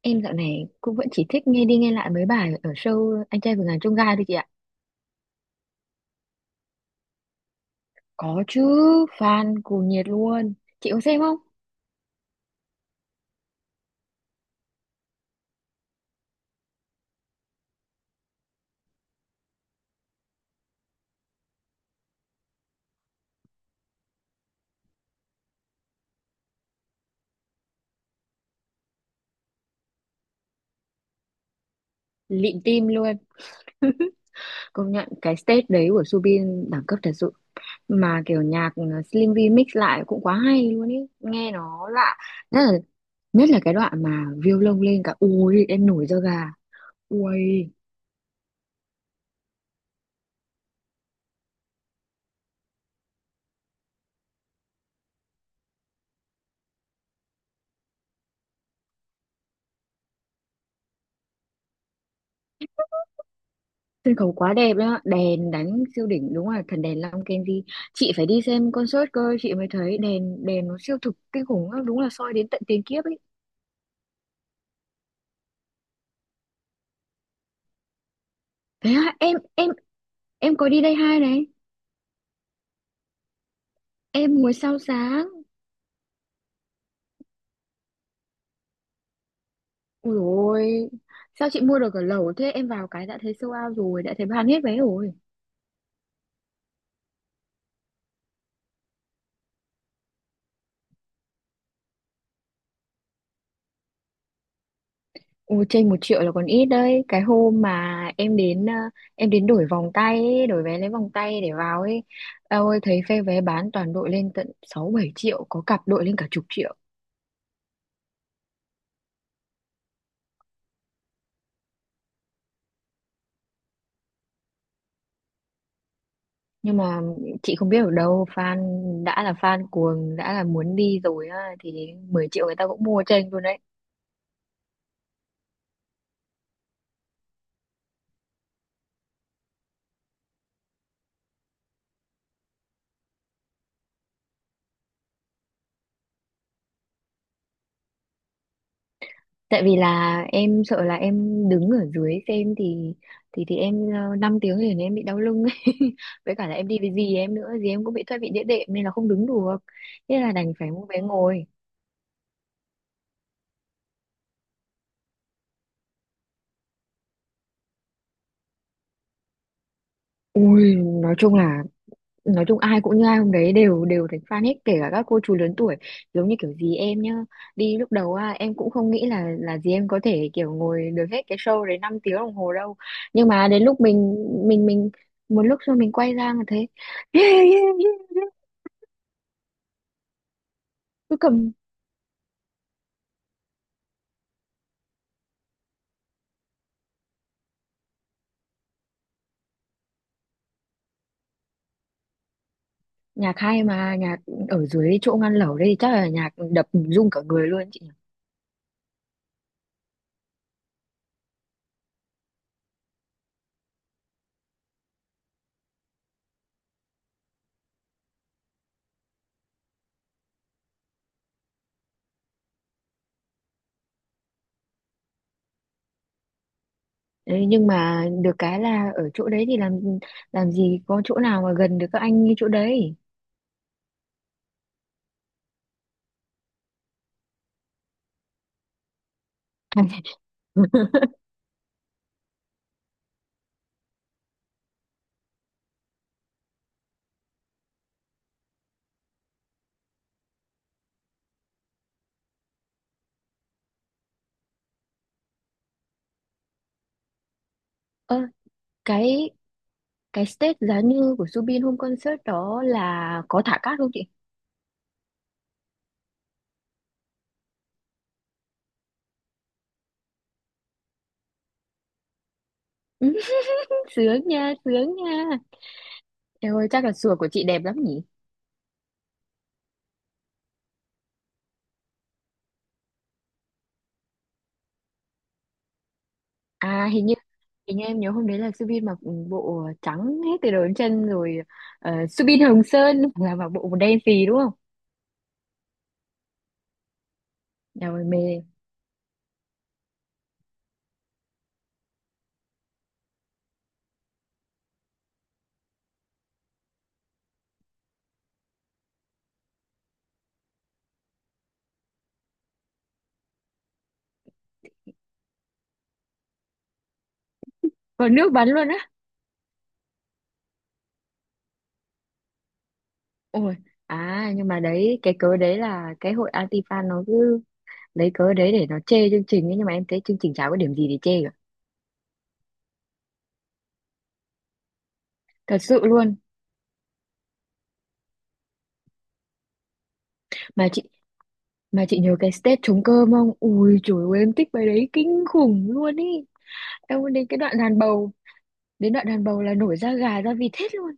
Em dạo này cũng vẫn chỉ thích nghe đi nghe lại mấy bài ở show Anh trai vượt ngàn chông gai thôi chị ạ. Có chứ, fan cuồng nhiệt luôn. Chị có xem không? Lịm tim luôn. Công nhận cái stage đấy của Subin đẳng cấp thật sự. Mà kiểu nhạc Slim V mix lại cũng quá hay luôn ý. Nghe nó lạ. Nhất là, nhất là cái đoạn mà violon lông lên cả. Ui, em nổi da gà. Ui. Sân khấu quá đẹp đó, đèn đánh siêu đỉnh, đúng là thần đèn Long Kenji. Chị phải đi xem concert cơ, chị mới thấy đèn đèn nó siêu thực kinh khủng lắm, đúng là soi đến tận tiền kiếp ấy. Thế hả, em có đi đây hai này? Em ngồi sao sáng. Ui rồi, sao chị mua được ở lẩu thế? Em vào cái đã thấy sold out rồi, đã thấy bán hết vé rồi. Ồ, trên 1 triệu là còn ít đấy. Cái hôm mà em đến đổi vòng tay ấy, đổi vé lấy vòng tay để vào ấy, ôi thấy phe vé bán toàn đội lên tận 6-7 triệu, có cặp đội lên cả chục triệu. Nhưng mà chị không biết, ở đâu đã là fan cuồng, đã là muốn đi rồi á, thì 10 triệu người ta cũng mua chênh luôn đấy. Tại vì là em sợ là em đứng ở dưới xem thì em 5 tiếng liền em bị đau lưng ấy. Với cả là em đi với dì em nữa, dì em cũng bị thoát vị đĩa đệm nên là không đứng được, thế là đành phải mua vé ngồi. Ui, nói chung là nói chung ai cũng như ai, hôm đấy đều đều thành fan hết, kể cả các cô chú lớn tuổi. Giống như kiểu dì em nhá, đi lúc đầu à, em cũng không nghĩ là dì em có thể kiểu ngồi được hết cái show đấy 5 tiếng đồng hồ đâu. Nhưng mà đến lúc mình một lúc sau mình quay ra mà thấy. Cứ cầm. Nhạc hay mà, nhạc ở dưới chỗ ngăn lẩu đây thì chắc là nhạc đập rung cả người luôn chị nhỉ. Đấy, nhưng mà được cái là ở chỗ đấy thì làm gì có chỗ nào mà gần được các anh như chỗ đấy. Ơ, cái cái stage giá như của Subin hôm concert đó là có thả cát không chị? Ừ, sướng nha, sướng nha. Em ơi, chắc là sùa của chị đẹp lắm nhỉ? À, hình như em nhớ hôm đấy là Subin mặc bộ trắng hết từ đầu đến chân rồi, Subin Hồng Sơn là mặc bộ đen xì đúng không? Nhà ngoài mê vào nước bắn luôn á, ôi. À nhưng mà đấy, cái cớ đấy là cái hội anti-fan nó cứ lấy cớ đấy để nó chê chương trình ấy, nhưng mà em thấy chương trình chả có điểm gì để chê cả, thật sự luôn. Mà chị mà chị nhớ cái stage trống cơm không? Ui trời ơi, em thích bài đấy kinh khủng luôn ý, em muốn đến cái đoạn đàn bầu, đến đoạn đàn bầu là nổi da gà da vịt hết luôn.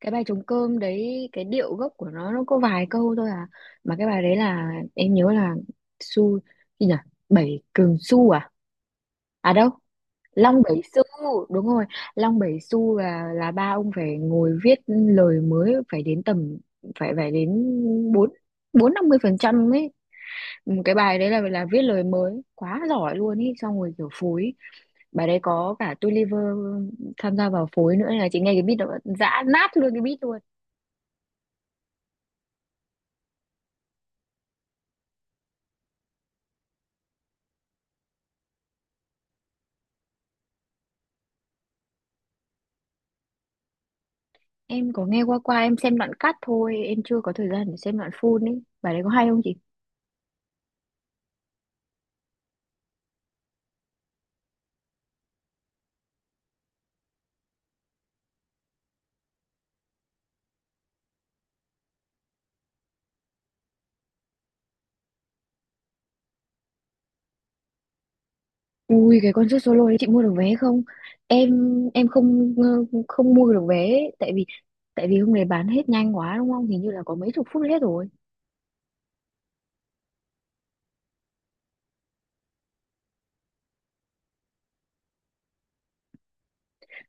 Cái bài trống cơm đấy, cái điệu gốc của nó có vài câu thôi à, mà cái bài đấy là em nhớ là su gì nhỉ, bảy cường su à, à đâu, Long Bảy Xu, đúng rồi. Long Bảy Xu là ba ông phải ngồi viết lời mới, phải đến tầm phải phải đến bốn, bốn năm mươi phần trăm ấy. Ừ, cái bài đấy là viết lời mới quá giỏi luôn ý, xong rồi kiểu phối. Bài đấy có cả Tulliver tham gia vào phối nữa, là chị nghe cái beat đó dã nát luôn cái beat luôn. Em có nghe qua qua em xem đoạn cắt thôi, em chưa có thời gian để xem đoạn full ấy, bài đấy có hay không chị? Ui cái concert solo đấy chị mua được vé không? Em em không không mua được vé ấy, tại vì hôm nay bán hết nhanh quá đúng không? Hình như là có mấy chục phút hết rồi.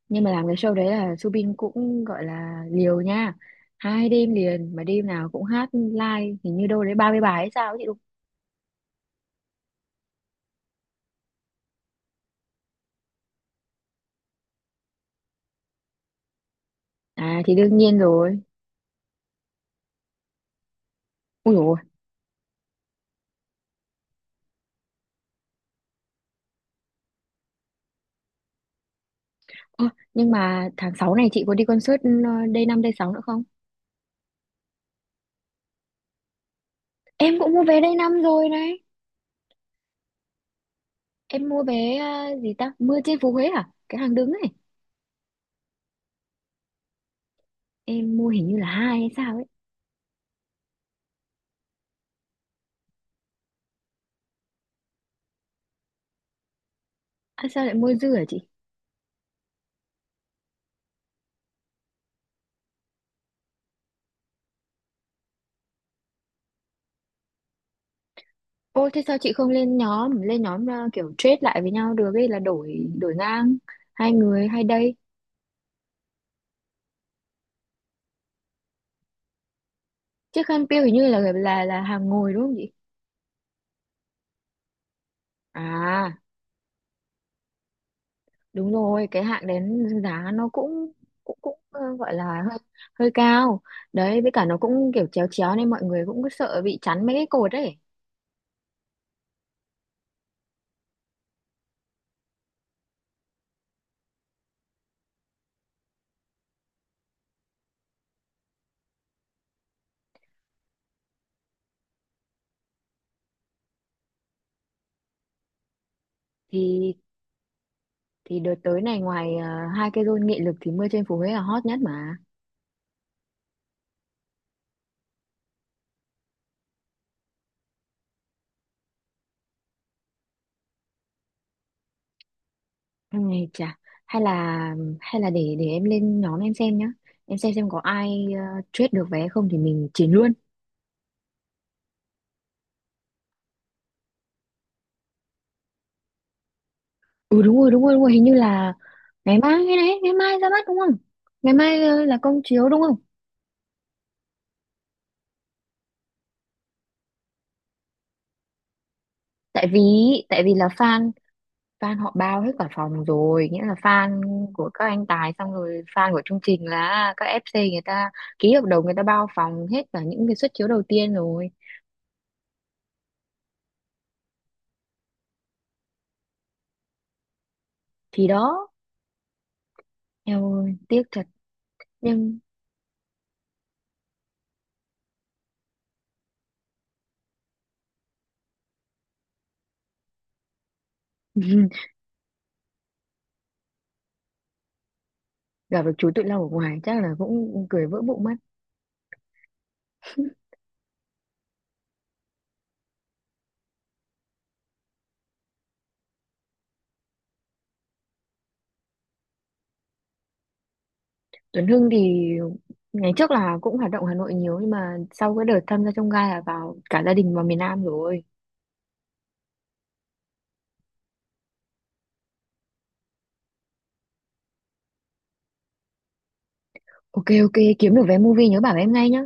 Nhưng mà làm cái show đấy là Subin cũng gọi là liều nha. 2 đêm liền mà đêm nào cũng hát live, hình như đâu đấy 30 bài hay sao ấy chị đúng. À thì đương nhiên rồi. Ui dồi, ôi. Ơ, nhưng mà tháng 6 này chị có đi concert Day 5 Day 6 nữa không? Em cũng mua vé Day 5 rồi này. Em mua vé gì ta? Mưa trên phố Huế à? Cái hàng đứng ấy. Em mua hình như là hai hay sao ấy. À, sao lại mua dư hả chị? Ô thế sao chị không lên nhóm kiểu trade lại với nhau được ấy, là đổi đổi ngang hai người hai đây. Chiếc khăn piêu hình như là hàng ngồi đúng không chị? À đúng rồi. Cái hạng đến giá nó cũng cũng cũng gọi là hơi hơi cao đấy, với cả nó cũng kiểu chéo chéo nên mọi người cũng cứ sợ bị chắn mấy cái cột ấy. Thì thì đợt tới này ngoài hai cái rôn nghị lực thì mưa trên phố Huế là hot nhất mà. Ừ, chà, hay là hay là để em lên nhóm em xem nhá, em xem có ai trade được vé không thì mình chiến luôn. Ừ đúng rồi đúng rồi đúng rồi, hình như là ngày mai hay đấy, ngày mai ra mắt đúng không, ngày mai là công chiếu đúng không? Tại vì tại vì là fan fan họ bao hết cả phòng rồi, nghĩa là fan của các anh Tài, xong rồi fan của chương trình là các FC, người ta ký hợp đồng người ta bao phòng hết cả những cái suất chiếu đầu tiên rồi. Thì đó, eo ơi tiếc thật. Nhưng gặp được chú Tự Long ở ngoài chắc là cũng cười vỡ bụng mất. Tuấn Hưng thì ngày trước là cũng hoạt động Hà Nội nhiều, nhưng mà sau cái đợt tham gia trong gai là vào cả gia đình vào miền Nam rồi. Ok ok kiếm được vé movie nhớ bảo em ngay nhá.